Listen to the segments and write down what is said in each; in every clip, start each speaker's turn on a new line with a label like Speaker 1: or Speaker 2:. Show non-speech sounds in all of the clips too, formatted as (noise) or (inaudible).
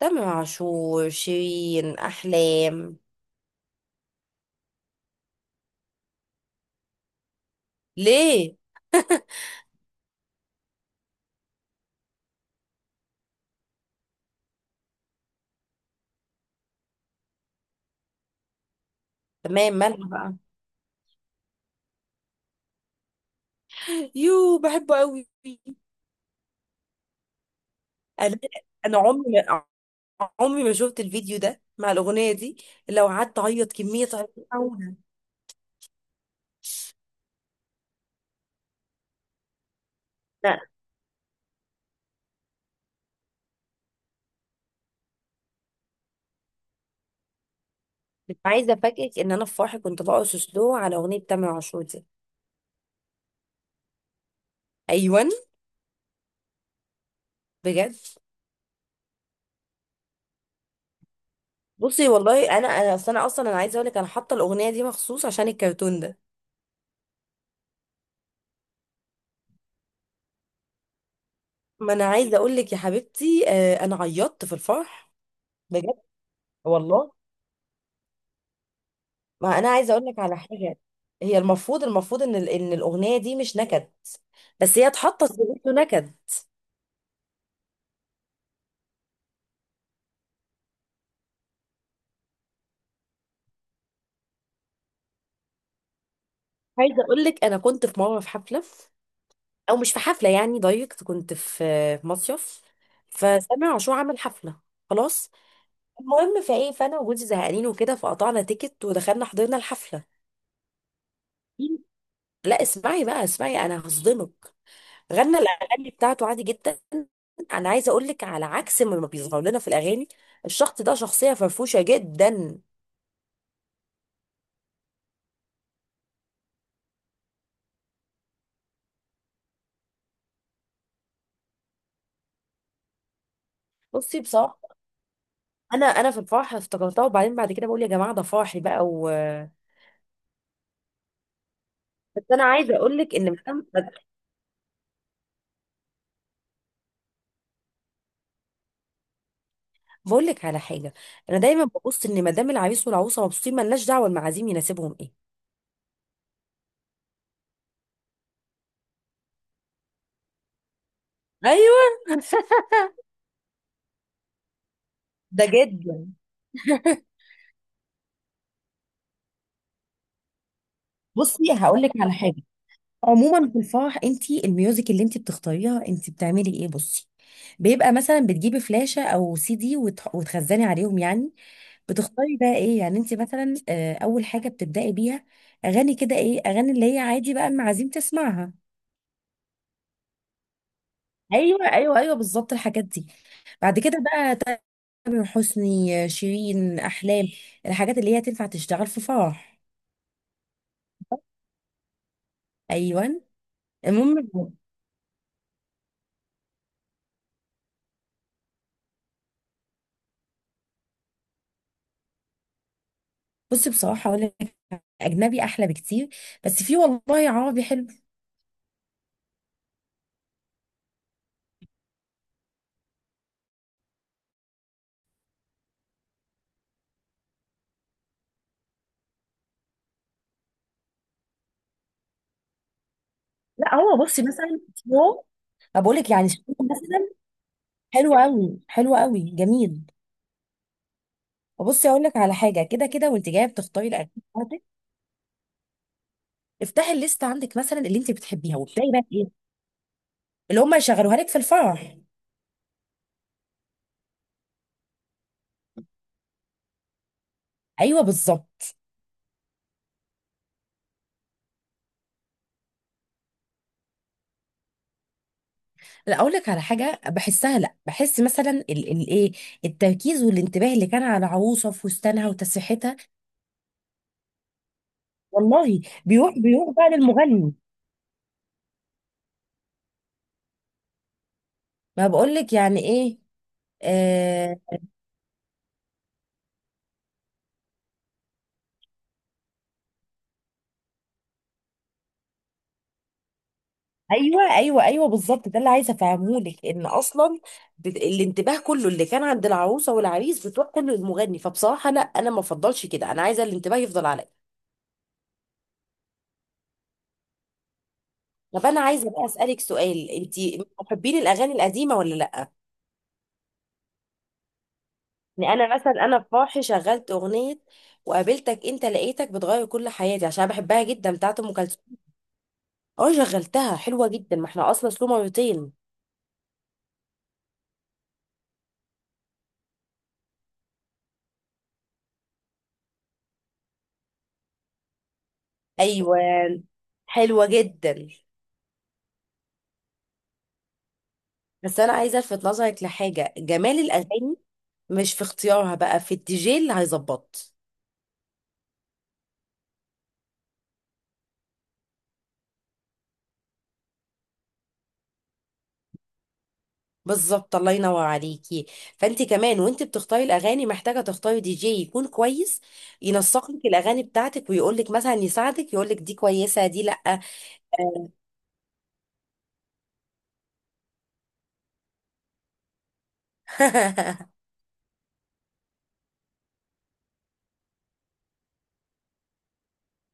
Speaker 1: تامر عاشور، شيرين، احلام. ليه؟ تمام، مالها بقى؟ يو بحبه قوي. انا انا عمري ما شفت الفيديو ده مع الاغنيه دي. لو قعدت اعيط كميه عياط أوي. لا، مش عايزه افاجئك ان انا في فرحي كنت برقص سلو على اغنيه تامر عاشور دي. ايوه، بجد. بصي والله انا اصلا انا عايزه اقول لك انا حاطه الاغنيه دي مخصوص عشان الكرتون ده. ما انا عايزه اقول لك يا حبيبتي، آه، انا عيطت في الفرح. بجد، والله. ما انا عايزه اقول لك على حاجه. هي المفروض ان ان الاغنيه دي مش نكد، بس هي اتحطت في بيته نكد. عايزه اقول لك انا كنت في مره في حفله، او مش في حفله يعني دايركت، كنت في مصيف. فسامع عاشور عمل حفله، خلاص. المهم فايه، فانا وجوزي زهقانين وكده، فقطعنا تيكت ودخلنا حضرنا الحفله. لا اسمعي بقى، اسمعي انا هصدمك. غنى الاغاني بتاعته عادي جدا. انا عايزه اقول لك على عكس ما بيظهر لنا في الاغاني، الشخص ده شخصيه فرفوشه جدا. بصي بصراحه، انا في الفرح افتكرتها، وبعدين بعد كده بقول يا جماعه ده فرحي بقى و… بس انا عايزه اقول لك ان مدام… بقول لك على حاجه، انا دايما ببص ان مدام العريس والعروسه مبسوطين ملناش دعوه المعازيم يناسبهم ايه. ايوه (laughs) ده جدا. بصي هقول لك على حاجه، عموما في الفرح انت الميوزك اللي انت بتختاريها، انت بتعملي ايه؟ بصي، بيبقى مثلا بتجيبي فلاشة او سي دي وتخزني عليهم يعني. بتختاري بقى ايه يعني انت مثلا، آه، اول حاجة بتبدأي بيها؟ اغاني كده ايه، اغاني اللي هي عادي بقى المعازيم تسمعها. ايوه ايوه ايوه، بالظبط الحاجات دي. بعد كده بقى، تامر حسني، آه، شيرين، احلام، الحاجات اللي هي تنفع تشتغل في فرح. ايوه. المهم، بصي بصراحة اقول لك، اجنبي احلى بكتير، بس في والله عربي حلو. لا هو بصي، مثلا هو، بقول لك يعني شيرين مثلا، حلو قوي، حلو قوي، جميل. وبصي اقول لك على حاجه، كده كده وانت جايه بتختاري الاكل بتاعتك، افتحي الليست عندك مثلا اللي انت بتحبيها، وابداي بقى ايه اللي هم يشغلوها لك في الفرح. ايوه بالظبط. لا اقول لك على حاجه بحسها، لا بحس مثلا ايه، التركيز والانتباه اللي كان على عروسه في فستانها وتسريحتها، والله بيروح بقى للمغني. ما بقول لك يعني ايه، آه، ايوه ايوه ايوه بالظبط، ده اللي عايزه افهمه لك ان اصلا، الانتباه كله اللي كان عند العروسه والعريس بتروح كله للمغني. فبصراحه لا، انا ما افضلش كده، انا عايزه الانتباه يفضل عليا. طب انا عايزه بقى اسالك سؤال، انت محبين الاغاني القديمه ولا لا؟ يعني انا مثلا انا في فرحي شغلت اغنيه وقابلتك انت لقيتك بتغير كل حياتي، عشان أنا بحبها جدا، بتاعت ام كلثوم. اه، شغلتها حلوه جدا، ما احنا اصلا سلو مرتين. ايوه، حلوه جدا. بس انا عايزه الفت نظرك لحاجه، جمال الاغاني مش في اختيارها بقى، في الدي جي اللي هيظبط. بالظبط، الله ينور عليكي. فانت كمان وانت بتختاري الاغاني محتاجه تختاري دي جي يكون كويس، ينسق لك الاغاني بتاعتك ويقول لك مثلا، يساعدك يقول لك دي كويسه دي لا. (laughs)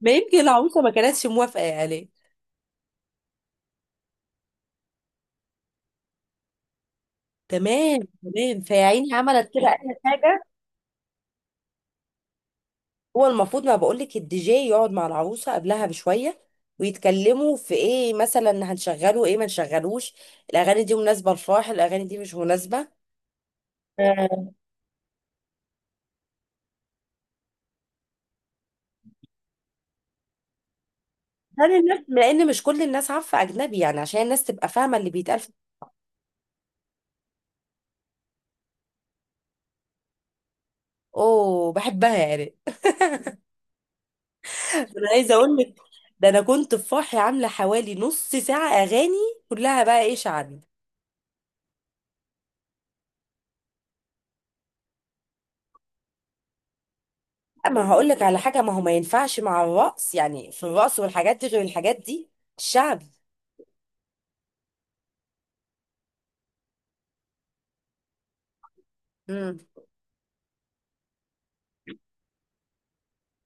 Speaker 1: ما يمكن العروسه ما كانتش موافقه يعني. تمام، تمام. فيا عيني، عملت كده اي حاجه. هو المفروض، ما بقول لك، الدي جي يقعد مع العروسه قبلها بشويه ويتكلموا في ايه مثلا، هنشغله ايه، ما نشغلوش، الاغاني دي مناسبه للفرح، الاغاني دي مش مناسبه. آه، هل الناس، لان مش كل الناس عارفه اجنبي يعني، عشان الناس تبقى فاهمه اللي بيتقال اوه، بحبها يعني. (laughs) انا عايزه اقول لك، ده انا كنت في فرحي عامله حوالي نص ساعه اغاني، كلها بقى ايه، شعبي. اما هقول لك على حاجه، ما هو ما ينفعش مع الرقص يعني، في الرقص والحاجات دي غير الحاجات دي الشعبي. امم.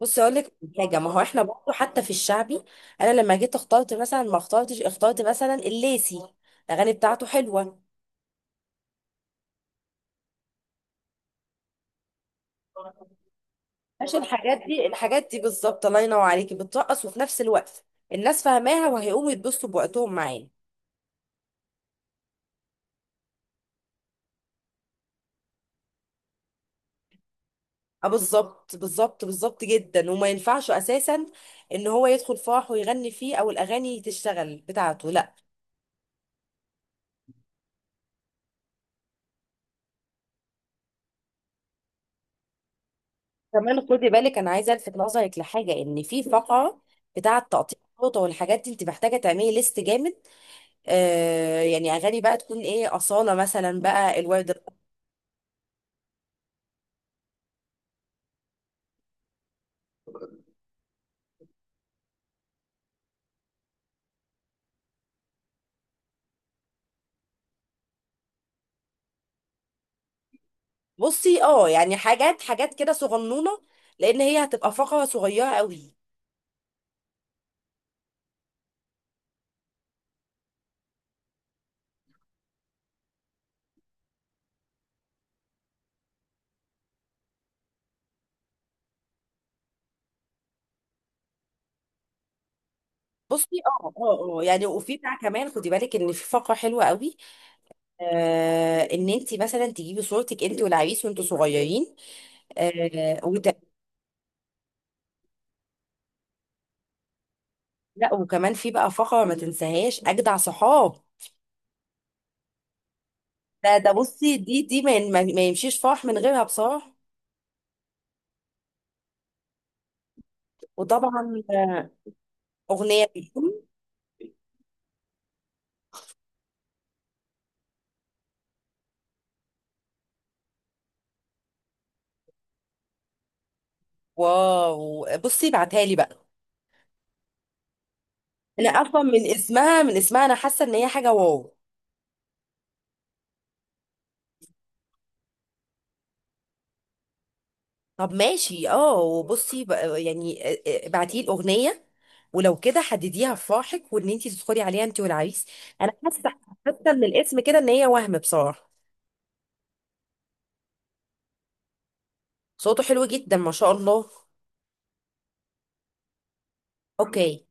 Speaker 1: بصي اقول لك حاجه، ما هو احنا برضه حتى في الشعبي، انا لما جيت اخترت مثلا، ما اخترتش، اخترت مثلا الليسي، الاغاني بتاعته حلوه. عشان الحاجات دي، الحاجات دي بالظبط، الله ينور عليكي، بترقص وفي نفس الوقت الناس فاهماها وهيقوموا يتبسطوا بوقتهم معانا. اه بالظبط، بالظبط، بالظبط جدا، وما ينفعش اساسا ان هو يدخل فرح ويغني فيه، او الاغاني تشتغل بتاعته، لا. كمان خدي بالك، انا عايزه الفت نظرك لحاجه، ان في فقره بتاعه تقطيع الفوطه والحاجات دي، انت محتاجه تعملي ليست جامد، آه، يعني اغاني بقى تكون ايه، اصاله مثلا بقى، الورد. بصي اه، يعني حاجات كده صغنونه، لان هي هتبقى فقره صغيره قوي. بصي اه، يعني وفي بتاع كمان خدي بالك ان في فقره حلوه قوي، آه، ان انت مثلا تجيبي صورتك انت والعريس وانتوا صغيرين، آه، وت… لا، وكمان في بقى فقره ما تنساهاش، اجدع صحاب، ده ده، بصي، دي دي ما يمشيش فرح من غيرها بصراحه. وطبعا، آه، اغنيه. واو، بصي بعتها لي بقى. انا اصلا من اسمها، من اسمها انا حاسه ان هي حاجه واو. طب ماشي، اه، يعني ابعتي لي الاغنيه، ولو كده حدديها في فرحك وان انت تدخلي عليها انت والعريس. انا حاسه، حاسه من الاسم كده ان هي وهم بصراحه. صوته حلو جدا ما شاء الله. اوكي.